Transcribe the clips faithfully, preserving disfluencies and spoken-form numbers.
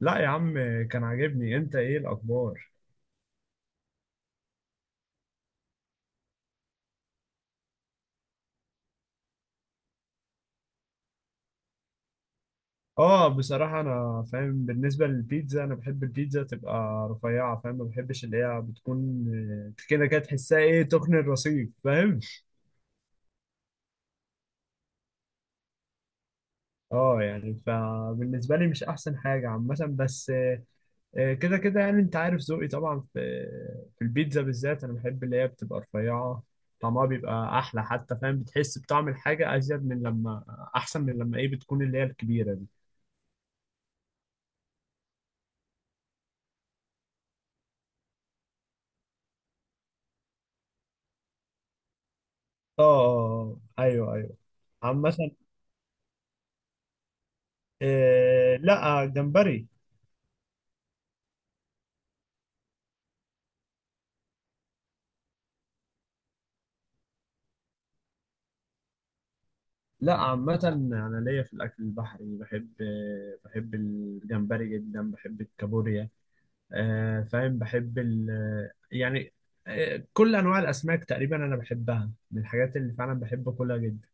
لا يا عم، كان عاجبني. انت ايه الاخبار؟ اه، بصراحة انا فاهم. بالنسبة للبيتزا انا بحب البيتزا تبقى رفيعة، فاهم، ما بحبش اللي هي بتكون آه، كده كده، تحسها ايه، تخن الرصيف، فاهم. اه يعني فبالنسبة لي مش احسن حاجة عامة، بس آه، آه، كده كده يعني انت عارف ذوقي طبعا في في البيتزا بالذات. انا بحب اللي هي بتبقى رفيعة، طعمها بيبقى احلى حتى، فاهم، بتحس بطعم الحاجة ازيد من لما، احسن من لما ايه بتكون اللي هي الكبيرة دي. اه، آه، آه. ايوه ايوه. عامة، آه، لا، جمبري. لا عامة، انا ليا في الاكل البحري، بحب، آه بحب الجمبري جدا، بحب الكابوريا. آه، فاهم، بحب ال آه، يعني، آه كل انواع الاسماك تقريبا انا بحبها، من الحاجات اللي فعلا بحب اكلها جدا.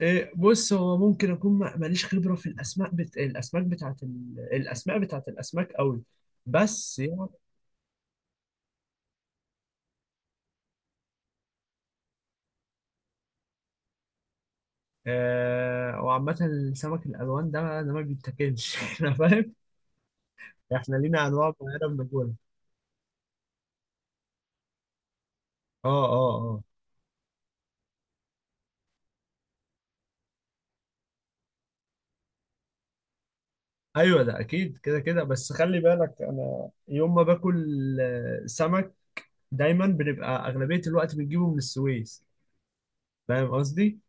آه، بص، هو ممكن اكون ما- ماليش خبرة في الاسماك، بت... الاسماك بتاعت ال... الاسماء بتاعت الاسماك قوي، بس يعني. آه، وعامة السمك الألوان ده ده ما بيتاكلش احنا فاهم، احنا لينا أنواع معينة بناكلها. اه اه اه. ايوه ده اكيد، كده كده، بس خلي بالك، انا يوم ما باكل آه، سمك دايما بنبقى اغلبية الوقت بنجيبه من السويس، فاهم قصدي.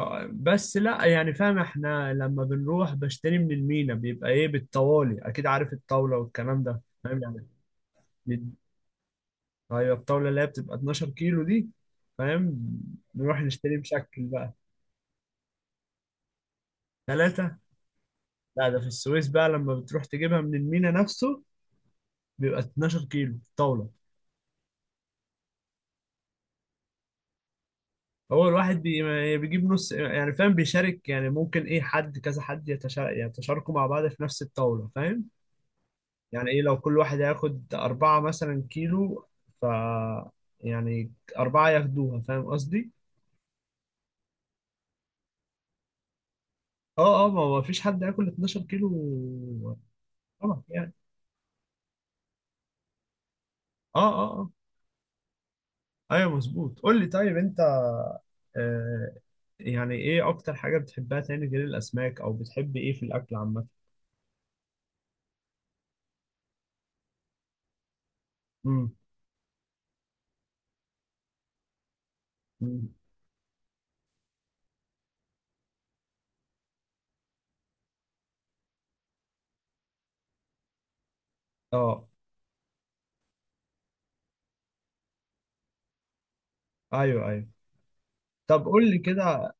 آه، بس لا، يعني فاهم، احنا لما بنروح بشتري من المينا بيبقى ايه بالطوالي، اكيد عارف الطاولة والكلام ده، فاهم يعني. بي- ايوه، الطاولة اللي هي بتبقى اتناشر كيلو دي، فاهم. نروح نشتري بشكل بقى. ثلاثة؟ لا، ده في السويس بقى لما بتروح تجيبها من المينا نفسه بيبقى اتناشر كيلو طاولة. هو الواحد بي- بيجيب نص، يعني فاهم، بيشارك، يعني ممكن ايه حد كذا، حد يتشا- يتشاركوا مع بعض في نفس الطاولة، فاهم يعني، ايه لو كل واحد هياخد أربعة مثلا كيلو، ف يعني، أربعة ياخدوها، فاهم قصدي؟ اه اه، ما هو مفيش حد هياكل اتناشر كيلو. طبعا يعني. اه اه اه. ايوه مظبوط. قول لي طيب، انت، آه يعني، ايه اكتر حاجة بتحبها تاني غير الاسماك، او بتحب ايه في الاكل عامة؟ امم. أمم. اه، ايوه ايوه. طب قول لي كده،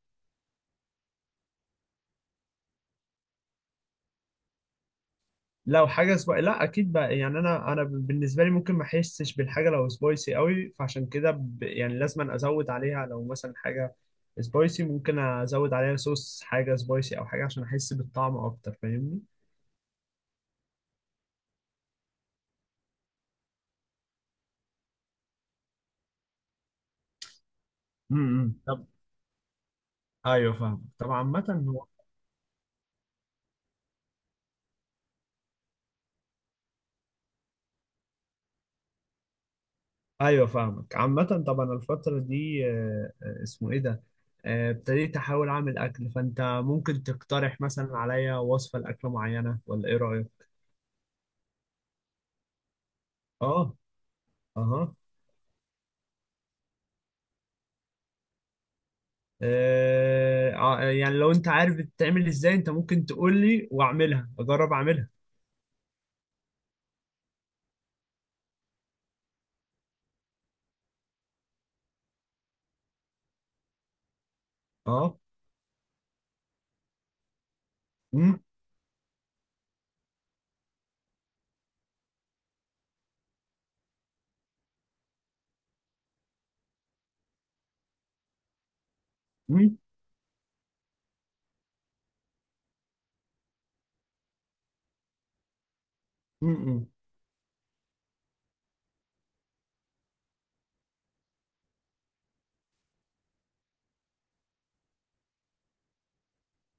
لو حاجة سبايسي، لا اكيد بقى، يعني انا انا بالنسبة لي ممكن ما احسش بالحاجة لو سبايسي قوي، فعشان كده ب... يعني لازم ازود عليها، لو مثلا حاجة سبايسي ممكن ازود عليها صوص، حاجة سبايسي او حاجة عشان احس بالطعم اكتر، فاهمني. امم. أمم. طب، ايوه فاهم طبعا، عامة. ايوه فاهمك عامة، طبعا الفترة دي آه، آه، اسمه ايه ده، آه، ابتديت احاول اعمل اكل، فانت ممكن تقترح مثلا عليا وصفة لاكلة معينة، ولا ايه رأيك؟ اه. اها. آه، آه، يعني لو انت عارف بتتعمل ازاي، انت ممكن تقول لي واعملها، اجرب اعملها. اه. امم. امم. امم.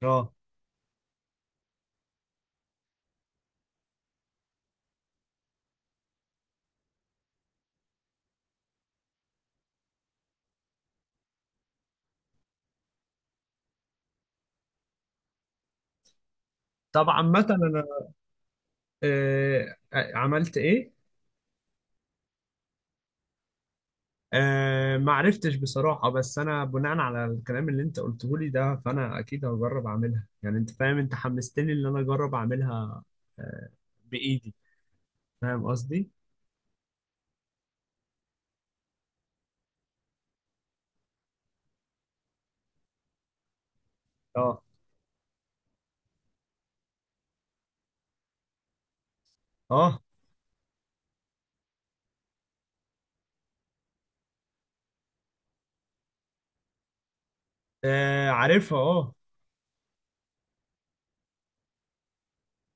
اه. طب عامة انا، آه، آه، عملت ايه؟ أه، ما عرفتش بصراحة، بس أنا بناء على الكلام اللي أنت قلته لي ده، فأنا أكيد هجرب أعملها، يعني أنت فاهم، أنت حمستني إن أنا أجرب أعملها، أه، بإيدي، فاهم قصدي؟ أه. أه. آه، عارفها، أه.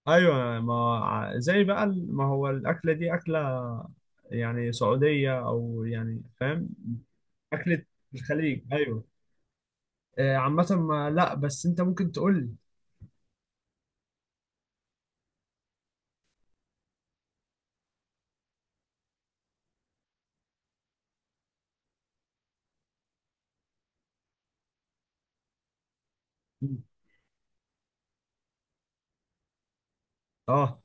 أيوه، ما ع- زي بقى ال- ما هو الأكلة دي أكلة، يعني سعودية، أو يعني فاهم، أكلة الخليج، أيوه. آه، عامة ما لا، بس أنت ممكن تقول لي. أه،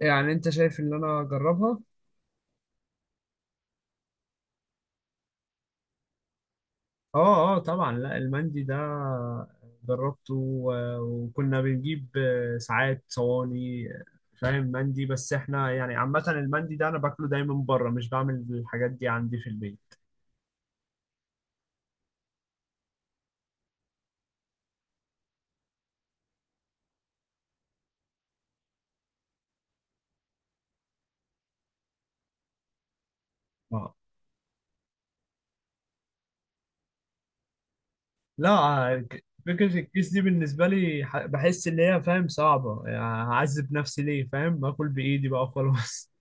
يعني أنت شايف إن أنا أجربها؟ اه اه طبعا. لا، المندي ده جربته و- وكنا بنجيب آه، ساعات صواني، آه، فاهم مندي، بس احنا يعني عامة المندي ده انا باكله دايما بره، مش بعمل الحاجات دي عندي في البيت. اه. لا، آه، ك- فكرة الكيس دي بالنسبة لي، ح- بحس ان هي فاهم صعبة يعني، هعذب نفسي ليه، فاهم، باكل بايدي بقى خلاص.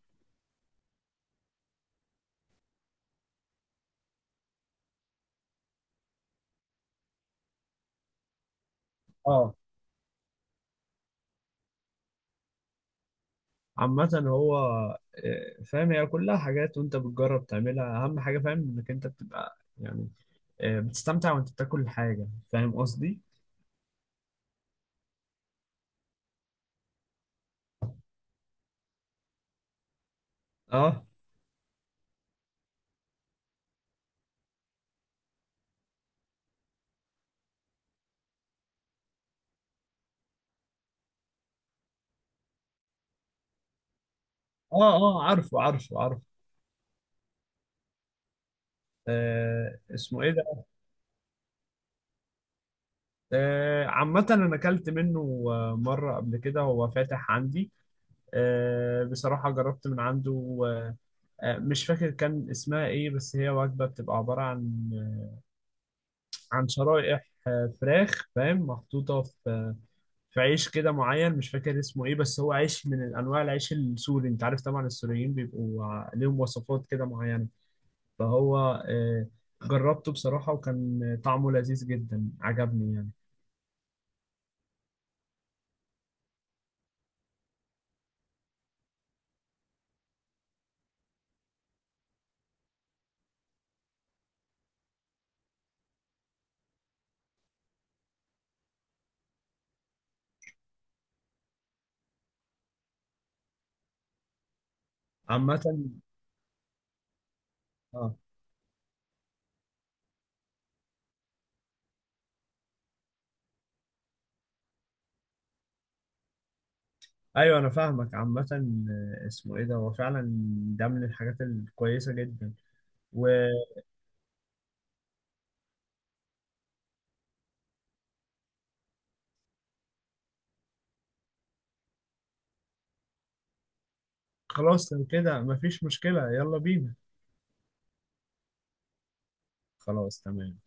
اه، عامة هو، آه، فاهم، هي كلها حاجات وانت بتجرب تعملها، اهم حاجة فاهم انك انت بتبقى يعني آه، بتستمتع وانت بتاكل الحاجة، فاهم قصدي؟ اه اه اه، عارفه عارفه عارفه. آه، اسمه ايه ده؟ آه عامة انا اكلت منه آه، مرة قبل كده، هو فاتح عندي، آه بصراحة جربت من عنده، آه آه، مش فاكر كان اسمها ايه، بس هي وجبة بتبقى عبارة عن، عن شرائح آه، فراخ، فاهم، محطوطة في، في عيش كده معين، مش فاكر اسمه ايه، بس هو عيش من انواع العيش السوري. انت عارف طبعا السوريين بيبقوا ع- ليهم وصفات كده معينة، فهو آه، جربته بصراحة، وكان طعمه لذيذ جدا، عجبني يعني. عامة اه، ايوه انا فاهمك عامة، آه، اسمه ايه ده، هو فعلا ده من الحاجات الكويسة جدا. وخلاص لو كده مفيش مشكلة، يلا بينا. خلاص تمام.